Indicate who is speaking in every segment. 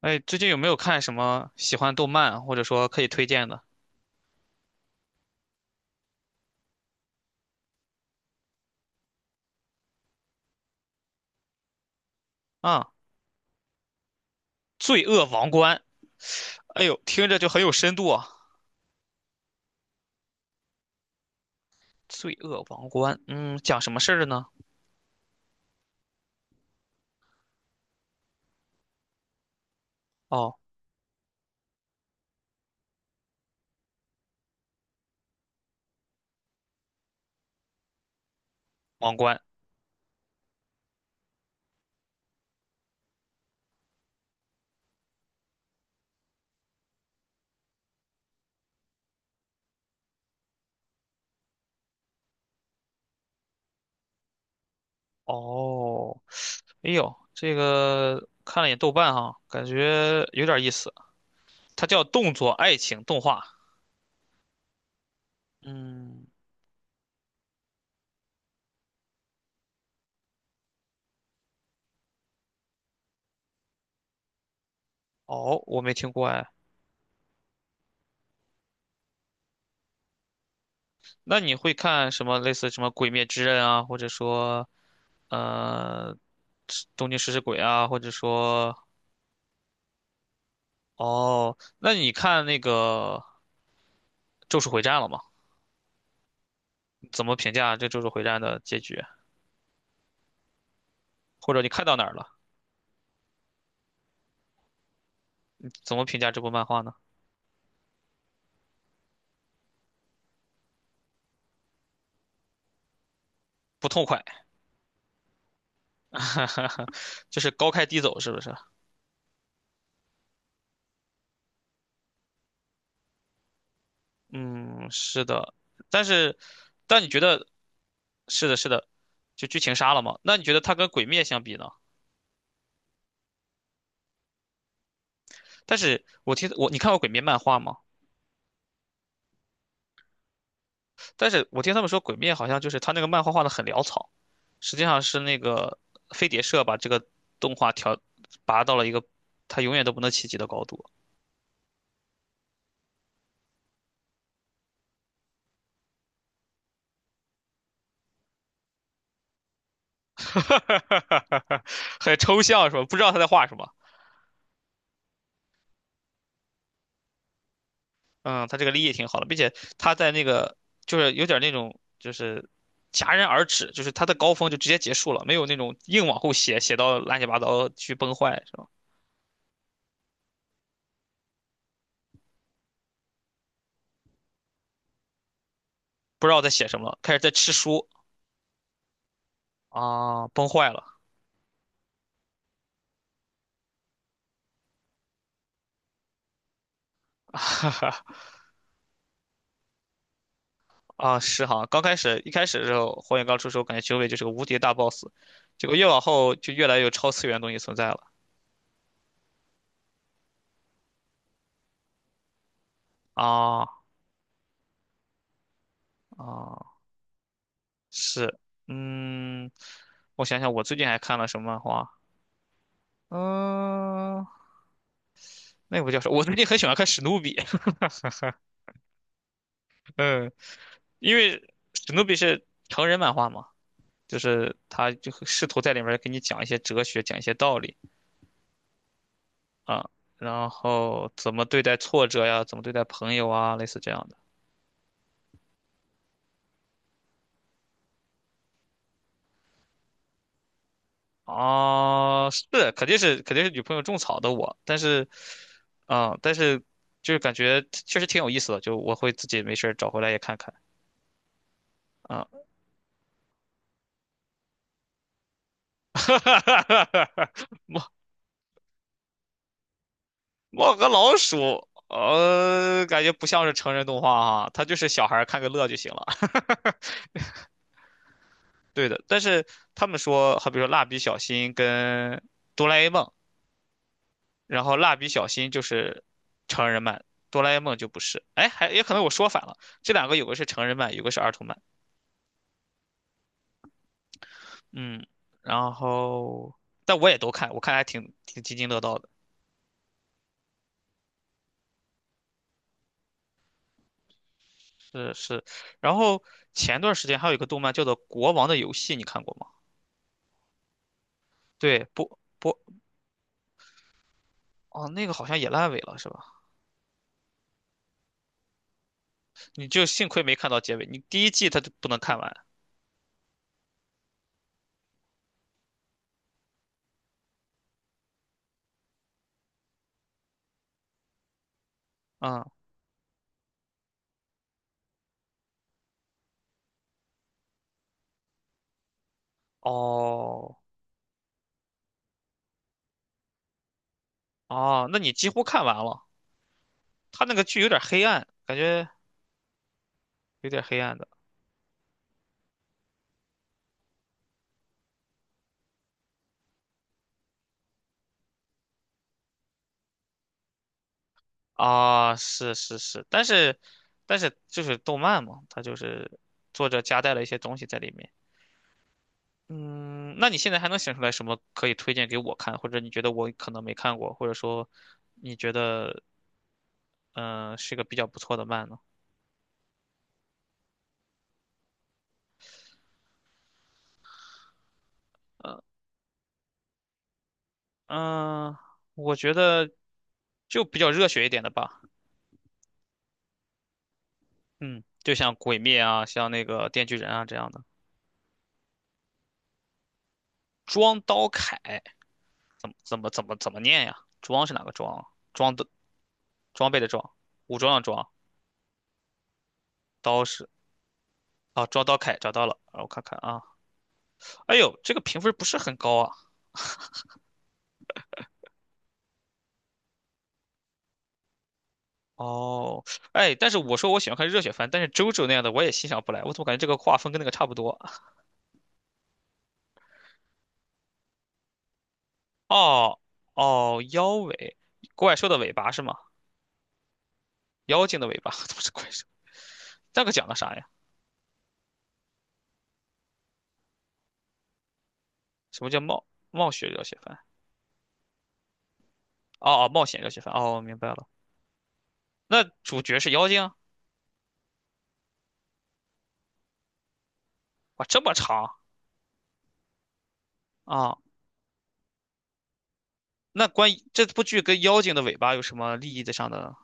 Speaker 1: 哎，最近有没有看什么喜欢动漫或者说可以推荐的啊？《罪恶王冠》，哎呦，听着就很有深度啊。《罪恶王冠》，嗯，讲什么事儿的呢？哦，王冠，哦，哎呦，这个看了眼豆瓣哈，感觉有点意思。它叫动作爱情动画，嗯，哦，我没听过哎。那你会看什么类似什么《鬼灭之刃》啊，或者说呃《东京食尸鬼》啊，或者说哦，那你看那个《咒术回战》了吗？怎么评价这《咒术回战》的结局？或者你看到哪儿了？怎么评价这部漫画呢？不痛快，就是高开低走，是不是？嗯，是的。但是，但你觉得是的，是的，就剧情杀了嘛？那你觉得它跟《鬼灭》相比呢？但是我你看过《鬼灭》漫画吗？但是我听他们说，《鬼灭》好像就是他那个漫画画的很潦草。实际上是那个飞碟社把这个动画调拔到了一个他永远都不能企及的高度，很抽象是吧？不知道他在画什么。嗯，他这个立意挺好的，并且他在那个就是有点那种就是戛然而止，就是他的高峰就直接结束了，没有那种硬往后写写到乱七八糟去崩坏是吧？不知道在写什么了，开始在吃书啊，崩坏了。啊，是哈，刚开始一开始的时候，火影刚出的时候，感觉九尾就是个无敌大 boss，结果越往后就越来越有超次元的东西存在了。啊啊，是，嗯，我想想，我最近还看了什么漫画？嗯，那部叫什么？我最近很喜欢看史努比，嗯，因为史努比是成人漫画嘛，就是他就会试图在里面给你讲一些哲学，讲一些道理啊，然后怎么对待挫折呀，怎么对待朋友啊，类似这样的。啊，是，肯定是女朋友种草的我，但是，啊、但是就是感觉确实挺有意思的，就我会自己没事儿找回来也看看啊。猫猫和老鼠，感觉不像是成人动画哈，它就是小孩儿看个乐就行了。对的，但是他们说，好比说蜡笔小新跟哆啦 A 梦，然后蜡笔小新就是成人漫，哆啦 A 梦就不是。哎，还也可能我说反了，这两个有个是成人漫，有个是儿童漫。嗯，然后但我也都看，我看还挺津津乐道的，是是。然后前段时间还有一个动漫叫做《国王的游戏》，你看过吗？对，不，哦，那个好像也烂尾了，是吧？你就幸亏没看到结尾，你第一季它就不能看完。嗯，哦哦，那你几乎看完了。它那个剧有点黑暗，感觉有点黑暗的啊，是是是，但是就是动漫嘛，它就是作者夹带了一些东西在里面。嗯，那你现在还能想出来什么可以推荐给我看，或者你觉得我可能没看过，或者说你觉得是个比较不错的漫呢？呃嗯、呃我觉得就比较热血一点的吧，嗯，就像《鬼灭》啊，像那个《电锯人》啊这样的。装刀铠怎么念呀？装是哪个装啊？装的装备的装，武装的装，刀是啊，装刀铠找到了，让我看看啊。哎呦，这个评分不是很高啊，哦，哎，但是我说我喜欢看热血番，但是周周那样的我也欣赏不来，我怎么感觉这个画风跟那个差不多？哦哦，妖尾，怪兽的尾巴是吗？妖精的尾巴，怎么是怪兽？那个讲的啥呀？什么叫冒冒血热血番？哦，冒险热血番。哦，明白了。那主角是妖精？哇，这么长啊？那关于这部剧跟妖精的尾巴有什么利益的上的？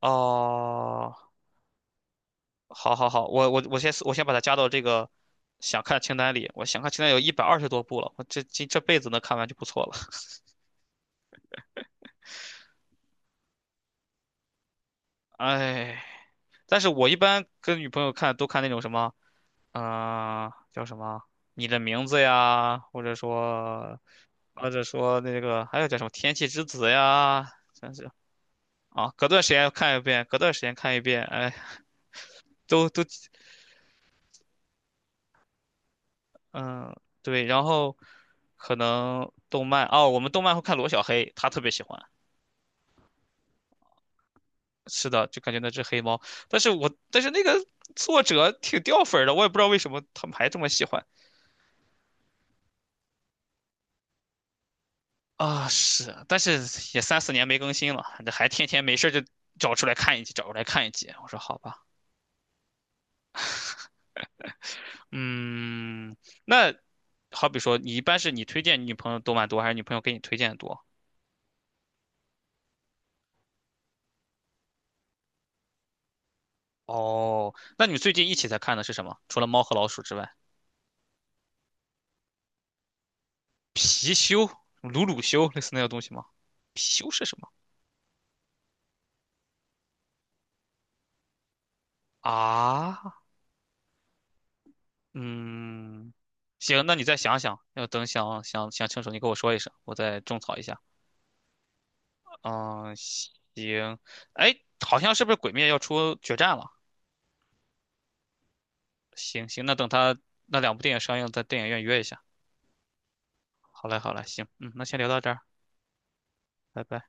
Speaker 1: 哦，好好好，我先把它加到这个想看清单里。想看清单有120多部了，我这辈子能看完就不错了。哎，但是我一般跟女朋友看都看那种什么，叫什么《你的名字》呀，或者说，或者说那个还有叫什么《天气之子》呀，真是啊，隔段时间看一遍，隔段时间看一遍，哎，都都嗯、对，然后可能动漫哦，我们动漫会看罗小黑，他特别喜欢。是的，就感觉那只黑猫。但是那个作者挺掉粉儿的，我也不知道为什么他们还这么喜欢啊。是，但是也三四年没更新了，这还天天没事儿就找出来看一集，找出来看一集。我说好吧，嗯，那好比说你一般是你推荐你女朋友动漫多，还是女朋友给你推荐的多？哦，那你们最近一起在看的是什么？除了《猫和老鼠》之外，貔貅、鲁鲁修类似那个东西吗？貔貅是什么啊？嗯，行，那你再想想，想想想清楚，你跟我说一声，我再种草一下。嗯，行。哎，好像是不是《鬼灭》要出决战了？行行，那等他那两部电影上映，在电影院约一下。好嘞，好嘞，行，嗯，那先聊到这儿，拜拜。